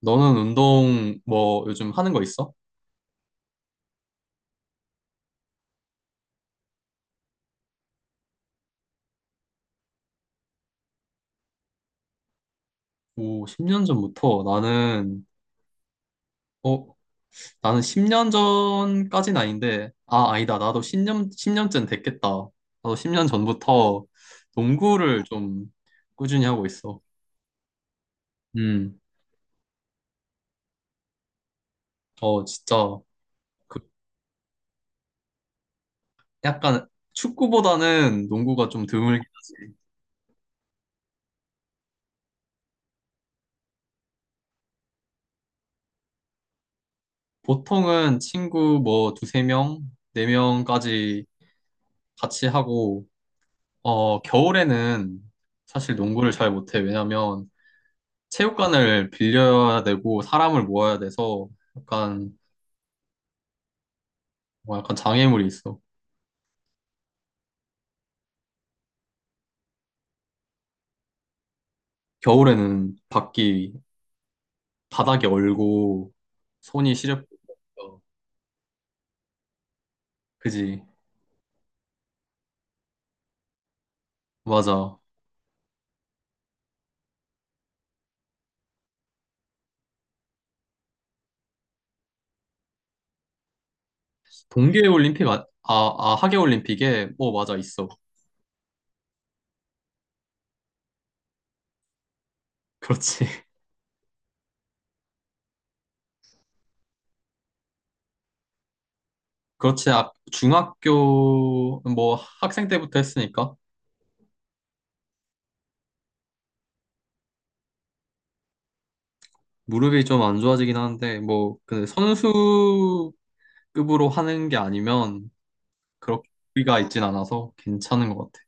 너는 운동 뭐 요즘 하는 거 있어? 오, 10년 전부터 나는, 어, 나는 10년 전까진 아닌데, 아, 아니다. 나도 십 년쯤 됐겠다. 나도 10년 전부터 농구를 좀 꾸준히 하고 있어. 음, 진짜, 그, 약간 축구보다는 농구가 좀 드물게. 보통은 친구 뭐 두세 명, 네 명까지 같이 하고, 겨울에는 사실 농구를 잘 못해. 왜냐면, 체육관을 빌려야 되고 사람을 모아야 돼서 약간 뭐 약간 장애물이 있어. 겨울에는 밖이 바닥이 얼고 손이 시렵고 그러니까. 그지 맞아. 동계 올림픽 아, 아, 아 하계 올림픽에 뭐 맞아 있어. 그렇지. 그렇지. 아, 중학교 뭐 학생 때부터 했으니까 무릎이 좀 안 좋아지긴 하는데 뭐 그 선수급으로 하는 게 아니면 그렇게 가 있진 않아서 괜찮은 것 같아.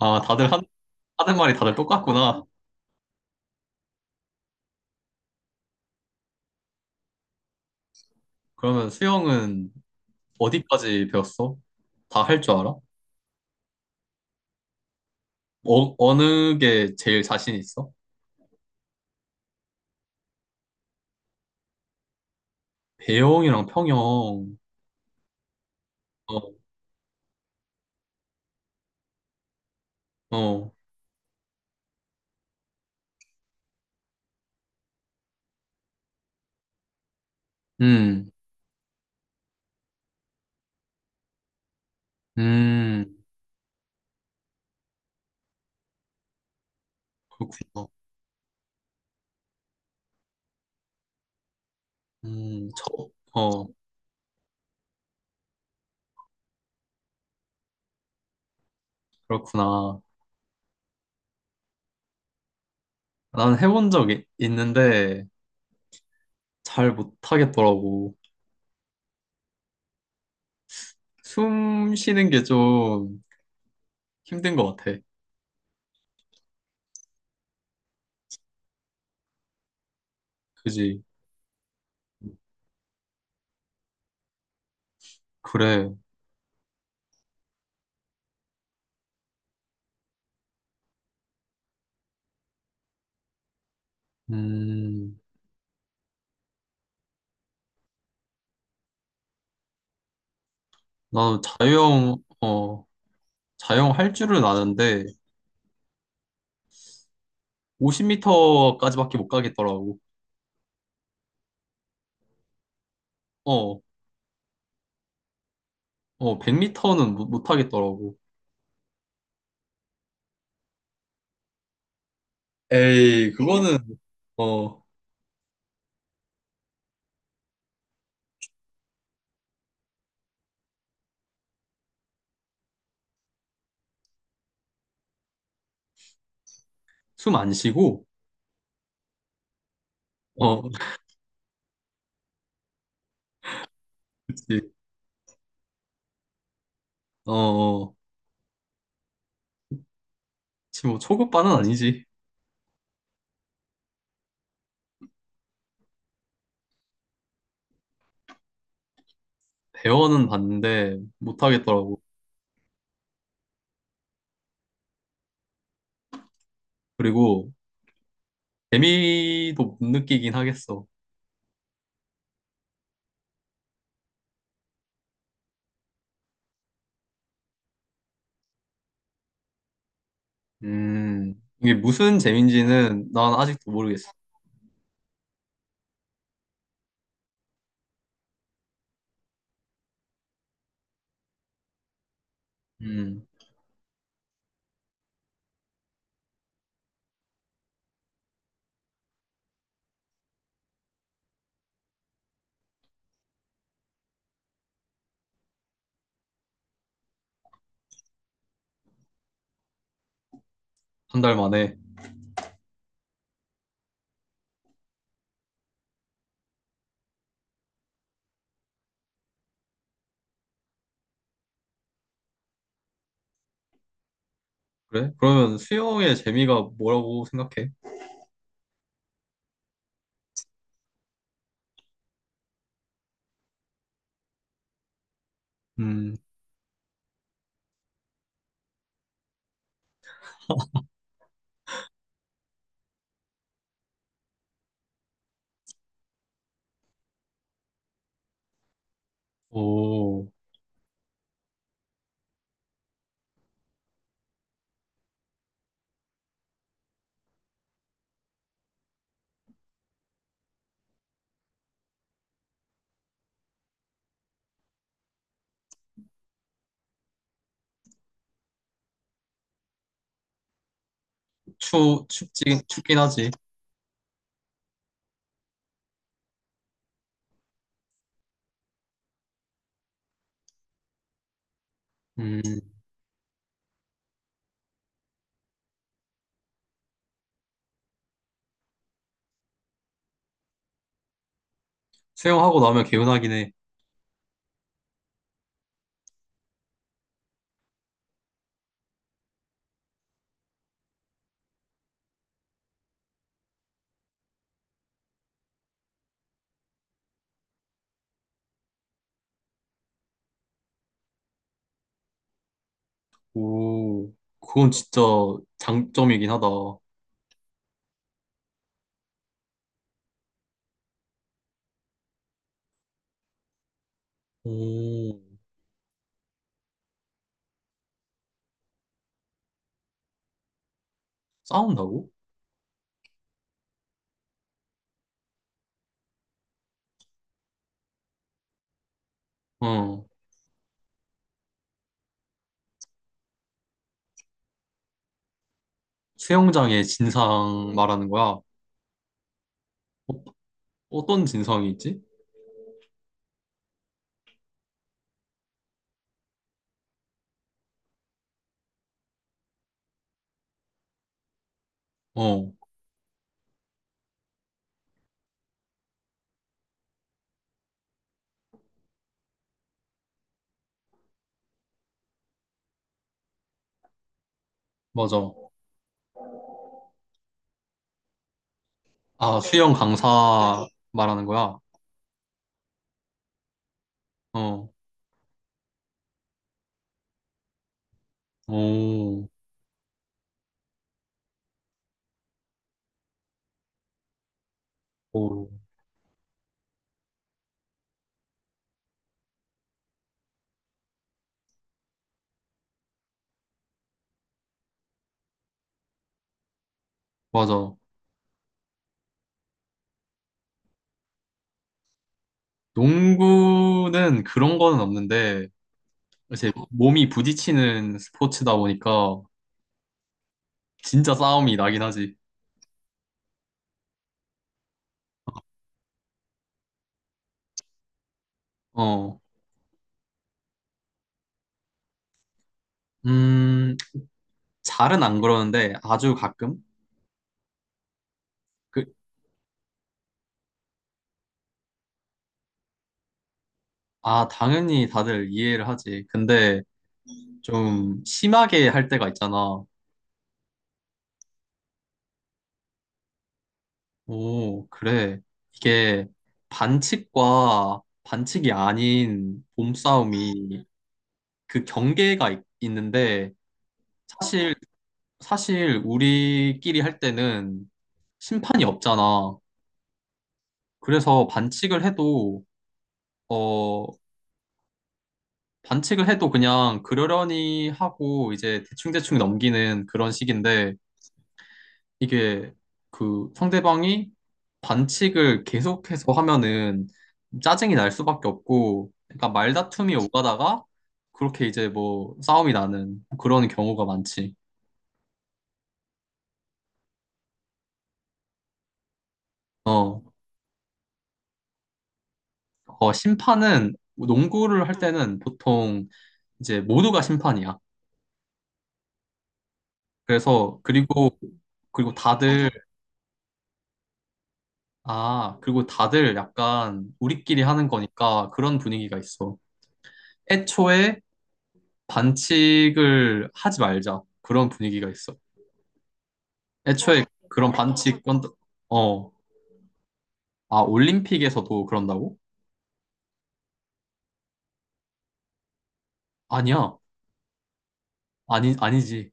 아, 다들 하는 말이 다들 똑같구나. 그러면 수영은 어디까지 배웠어? 다 할 줄 알아? 어느 게 제일 자신 있어? 배영이랑 평영. 어, 어. 음, 음, 그렇구나. 음, 저, 어, 그렇구나. 난 해본 적이 있는데 잘 못하겠더라고. 숨 쉬는 게 좀 힘든 것 같아. 그지? 그래. 음, 나는 자유형, 어. 자영할 줄은 아는데 50m까지밖에 못 가겠더라고. 어, 100m는 못 하겠더라고. 에이, 그거는 어, 숨 안 쉬고 어, 그렇지. 어, 어. 지금 뭐 초급반은 아니지. 대원은 봤는데 못 하겠더라고. 그리고 재미도 못 느끼긴 하겠어. 이게 무슨 재미인지는 난 아직도 모르겠어. 음, 한 달 만에. 그래? 그러면 수영의 재미가 뭐라고 생각해? 음, 오. 춥긴, 춥긴 하지. 음, 수영하고 나면 개운하긴 해. 오, 그건 진짜 장점이긴 하다. 오, 싸운다고? 어, 수영장의 진상 말하는 거야. 어떤 진상이 있지? 어, 맞아. 아, 수영 강사 말하는 거야. 어, 오, 오, 맞아. 농구는 그런 거는 없는데, 이제 몸이 부딪히는 스포츠다 보니까 진짜 싸움이 나긴 하지. 어, 음, 잘은 안 그러는데 아주 가끔? 그, 당연히 다들 이해를 하지. 근데 좀 심하게 할 때가 있잖아. 오, 그래. 이게 반칙과 반칙이 아닌 몸싸움이 그 경계가 있는데 사실, 사실 우리끼리 할 때는 심판이 없잖아. 그래서 어, 반칙을 해도 그냥 그러려니 하고 이제 대충대충 넘기는 그런 식인데 이게 그 상대방이 반칙을 계속해서 하면은 짜증이 날 수밖에 없고 그러니까 말다툼이 오가다가 그렇게 이제 뭐 싸움이 나는 그런 경우가 많지. 어, 심판은 농구를 할 때는 보통 이제 모두가 심판이야. 그래서 그리고 그리고 다들 아, 그리고 다들 약간 우리끼리 하는 거니까 그런 분위기가 있어. 애초에 반칙을 하지 말자. 그런 분위기가 있어. 애초에 그런 반칙, 어, 올림픽에서도 그런다고? 아니야. 아니, 아니지.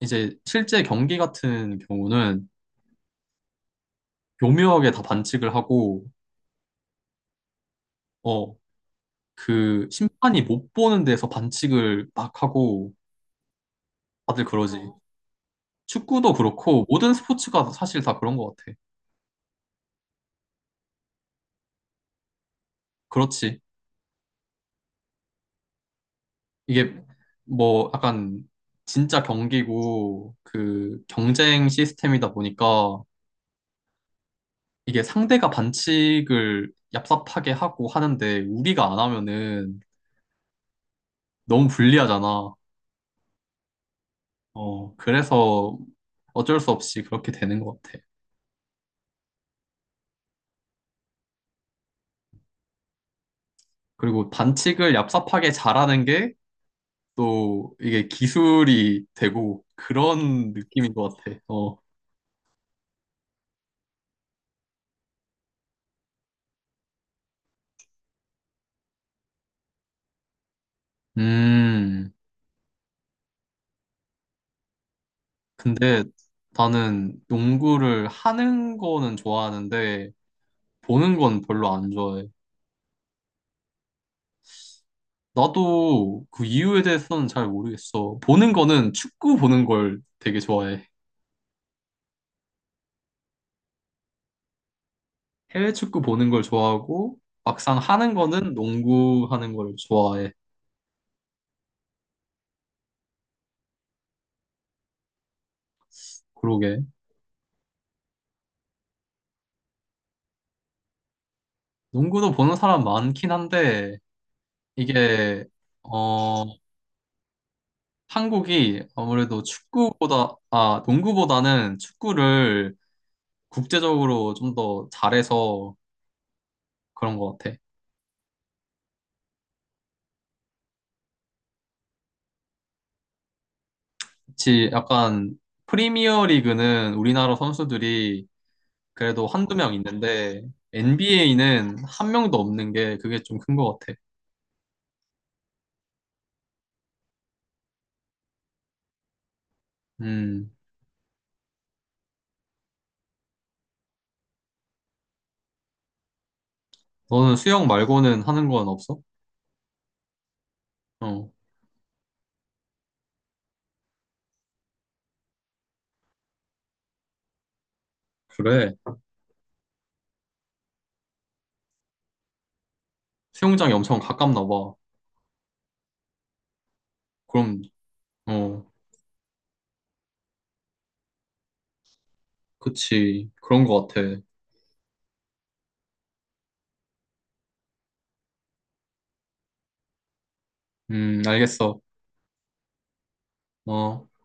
이제 실제 경기 같은 경우는 교묘하게 다 반칙을 하고, 어, 그 심판이 못 보는 데서 반칙을 막 하고 다들 그러지. 어, 축구도 그렇고 모든 스포츠가 사실 다 그런 것 같아. 그렇지. 이게 뭐 약간 진짜 경기고 그 경쟁 시스템이다 보니까 이게 상대가 반칙을 얍삽하게 하고 하는데 우리가 안 하면은 너무 불리하잖아. 어, 그래서 어쩔 수 없이 그렇게 되는 것 같아. 그리고 반칙을 얍삽하게 잘하는 게 또 이게 기술이 되고 그런 느낌인 것 같아. 어. 음. 근데 나는 농구를 하는 거는 좋아하는데 보는 건 별로 안 좋아해. 나도 그 이유에 대해서는 잘 모르겠어. 보는 거는 축구 보는 걸 되게 좋아해. 해외 축구 보는 걸 좋아하고 막상 하는 거는 농구 하는 걸 좋아해. 그러게. 농구도 보는 사람 많긴 한데 이게 어 한국이 아무래도 축구보다 아 농구보다는 축구를 국제적으로 좀 더 잘해서 그런 것 같아. 그치, 약간 프리미어 리그는 우리나라 선수들이 그래도 한두 명 있는데 NBA는 한 명도 없는 게 그게 좀 큰 것 같아. 음, 너는 수영 말고는 하는 건 없어? 어, 그래. 수영장이 엄청 가깝나 봐. 그럼, 어, 그치. 그런 것 같아. 알겠어. 어.